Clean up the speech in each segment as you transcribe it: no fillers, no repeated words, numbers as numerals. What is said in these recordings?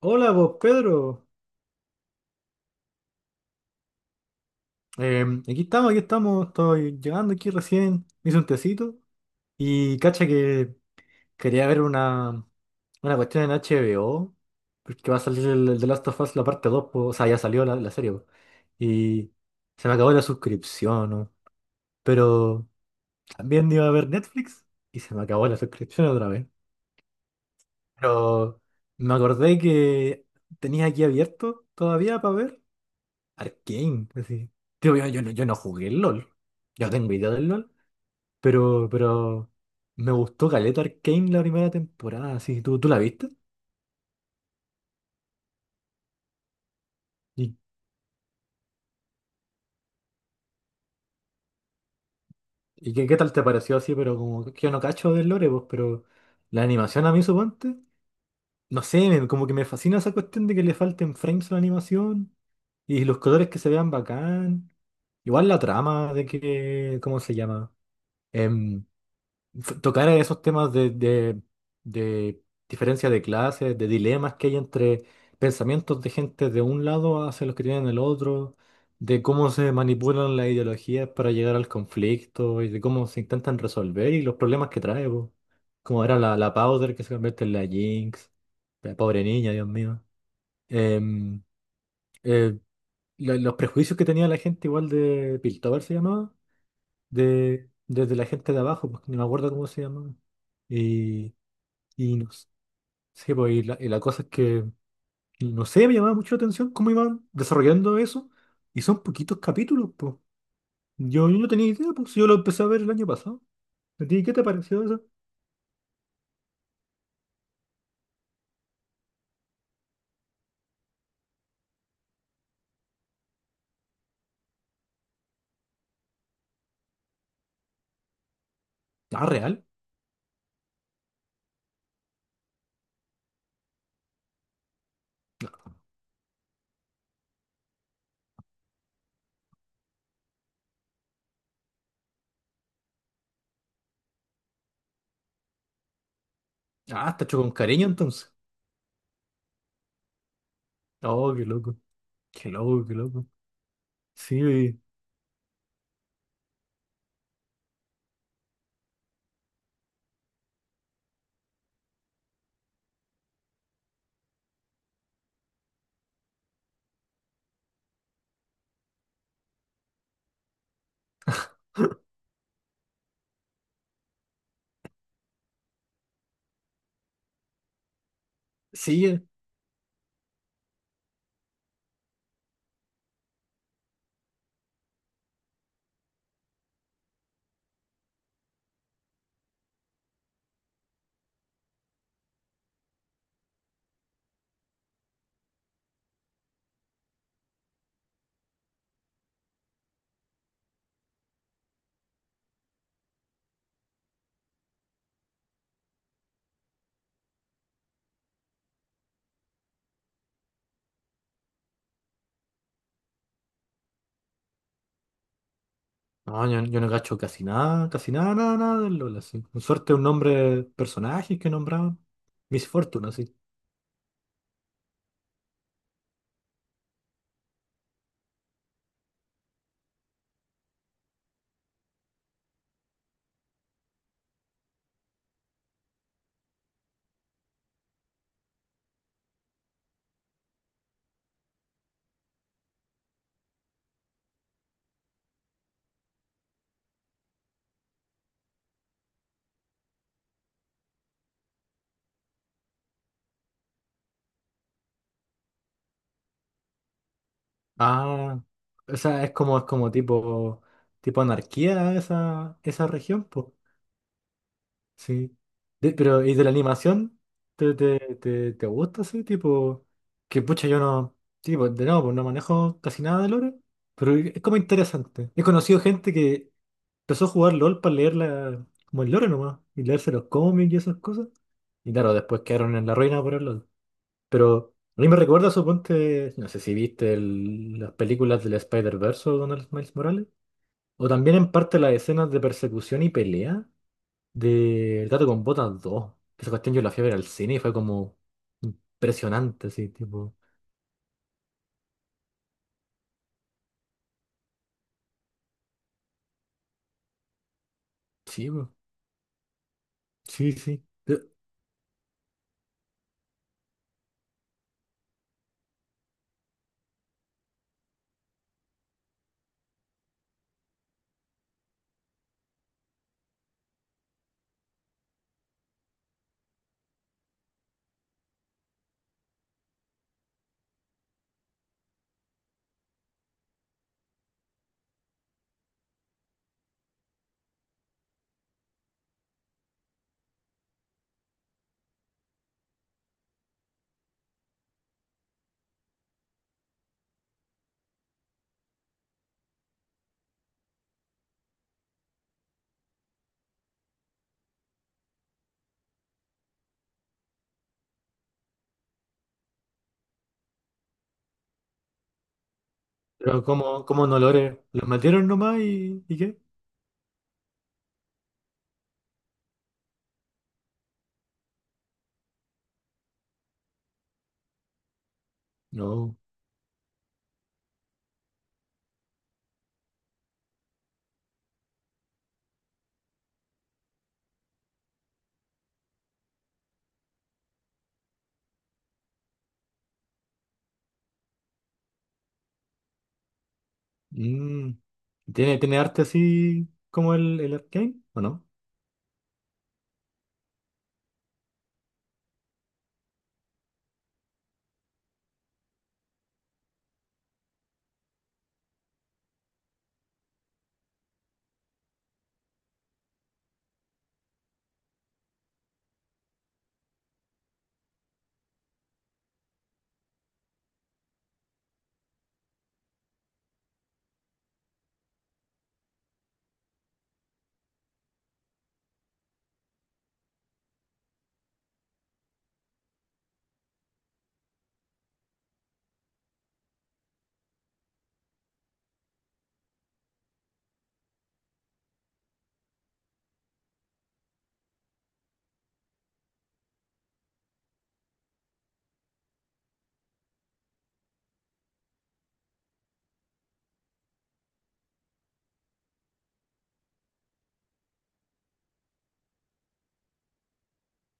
Hola, vos Pedro. Aquí estamos, aquí estamos. Estoy llegando aquí recién. Me hice un tecito. Y cacha que quería ver una cuestión en HBO. Porque va a salir el The Last of Us la parte 2, po. O sea, ya salió la serie, po. Y se me acabó la suscripción, ¿no? Pero también iba a ver Netflix. Y se me acabó la suscripción otra vez. Pero me acordé que tenía aquí abierto todavía para ver Arcane, así. Tío, no, yo no jugué el LOL. Yo no tengo idea del LOL. Pero me gustó Caleta Arcane la primera temporada, así. ¿Tú la viste? ¿Y, y qué tal te pareció así? Pero como que yo no cacho del lore, pues, pero la animación a mí, suponte. No sé, como que me fascina esa cuestión de que le falten frames a la animación. Y los colores que se vean bacán. Igual la trama de que, ¿cómo se llama? Em, tocar esos temas de, de diferencia de clases, de dilemas que hay entre pensamientos de gente de un lado hacia los que tienen el otro, de cómo se manipulan las ideologías para llegar al conflicto y de cómo se intentan resolver y los problemas que trae, po. Como era la Powder que se convierte en la Jinx, la pobre niña, Dios mío. Em, eh, los prejuicios que tenía la gente igual de Piltover se llamaba desde la gente de abajo, porque ni me acuerdo cómo se llamaba. Y, no s- sí, pues, y la cosa es que, no sé, me llamaba mucho la atención cómo iban desarrollando eso. Y son poquitos capítulos, pues. Yo no tenía idea, pues yo lo empecé a ver el año pasado. ¿A ti qué te pareció eso? Ah, real. Ah, está hecho con cariño entonces. Oh, qué loco. Qué loco, qué loco. Sí, sí. No, yo no cacho casi nada, nada, nada del LOL, así. Con suerte un nombre, personajes que nombraban. Miss Fortune, así. Ah, o sea, es como tipo, tipo anarquía esa, esa región, pues. Sí. Pero, ¿y de la animación? ¿Te gusta así? Tipo, que pucha, yo no, tipo, de nuevo, pues no manejo casi nada de lore, pero es como interesante. He conocido gente que empezó a jugar LOL para leer la, como el lore nomás, y leerse los cómics y esas cosas. Y claro, después quedaron en la ruina por el LOL. Pero a mí me recuerda, suponte, no sé si viste las películas del Spider-Verse o Donald Miles Morales, o también en parte las escenas de persecución y pelea de El Gato con Botas dos. Esa cuestión yo la fui a ver al cine y fue como impresionante, así, tipo, sí, po, sí, sí. Pero como, como no lore, los metieron nomás ¿y qué? No. Mm. ¿Tiene arte así como el Arcane? ¿O no?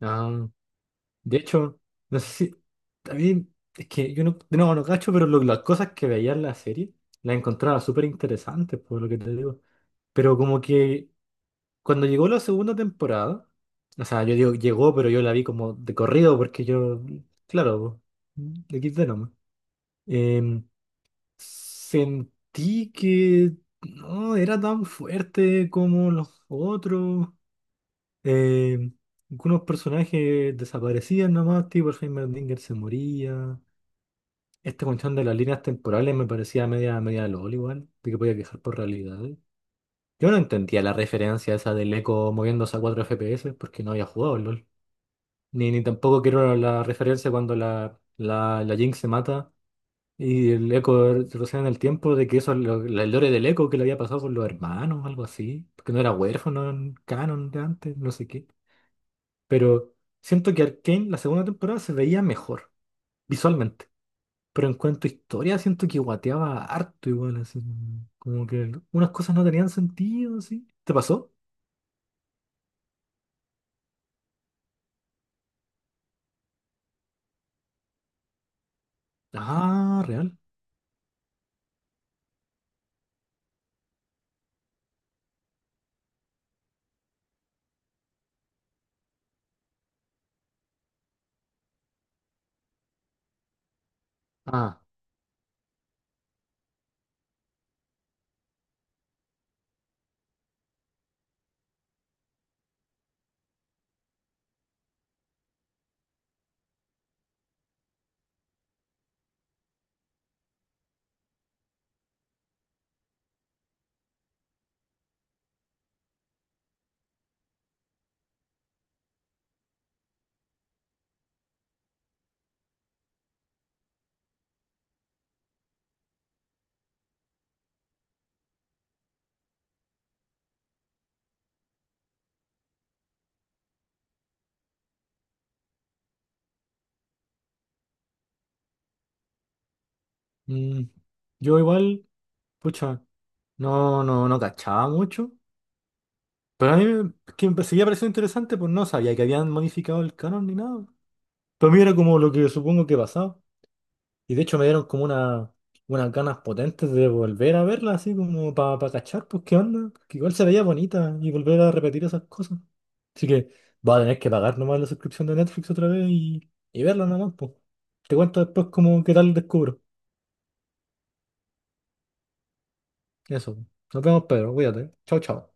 ah De hecho, no sé si. También es que yo no, de no cacho, pero las cosas que veía en la serie las encontraba súper interesantes, por lo que te digo. Pero como que cuando llegó la segunda temporada, o sea, yo digo llegó, pero yo la vi como de corrido, porque yo, claro, de XD nomás. Em, sentí que no era tan fuerte como los otros. Eh, algunos personajes desaparecían nomás, tipo el Heimerdinger se moría. Esta cuestión de las líneas temporales me parecía media, media LOL igual, de que podía quejar por realidad. Yo no entendía la referencia esa del eco moviéndose a 4 FPS porque no había jugado al LOL. Ni tampoco quiero la referencia cuando la Jinx se mata y el eco retrocede en el tiempo de que eso, es el lore del eco que le había pasado con los hermanos, algo así. Porque no era huérfano en canon de antes, no sé qué. Pero siento que Arcane, la segunda temporada, se veía mejor visualmente. Pero en cuanto a historia, siento que guateaba harto igual, así. Como que unas cosas no tenían sentido, así. ¿Te pasó? Ah, real. Ah, mm, yo igual, pucha, no, no, no cachaba mucho. Pero a mí que me seguía pareciendo interesante, pues no sabía que habían modificado el canon ni nada. Para mí era como lo que supongo que pasaba. Y de hecho me dieron como unas ganas potentes de volver a verla, así como para cachar, pues qué onda, que igual se veía bonita y volver a repetir esas cosas. Así que va a tener que pagar nomás la suscripción de Netflix otra vez y verla nomás, pues. Te cuento después como qué tal descubro. Eso. Nos vemos, Pedro. Cuídate. Chao, chao.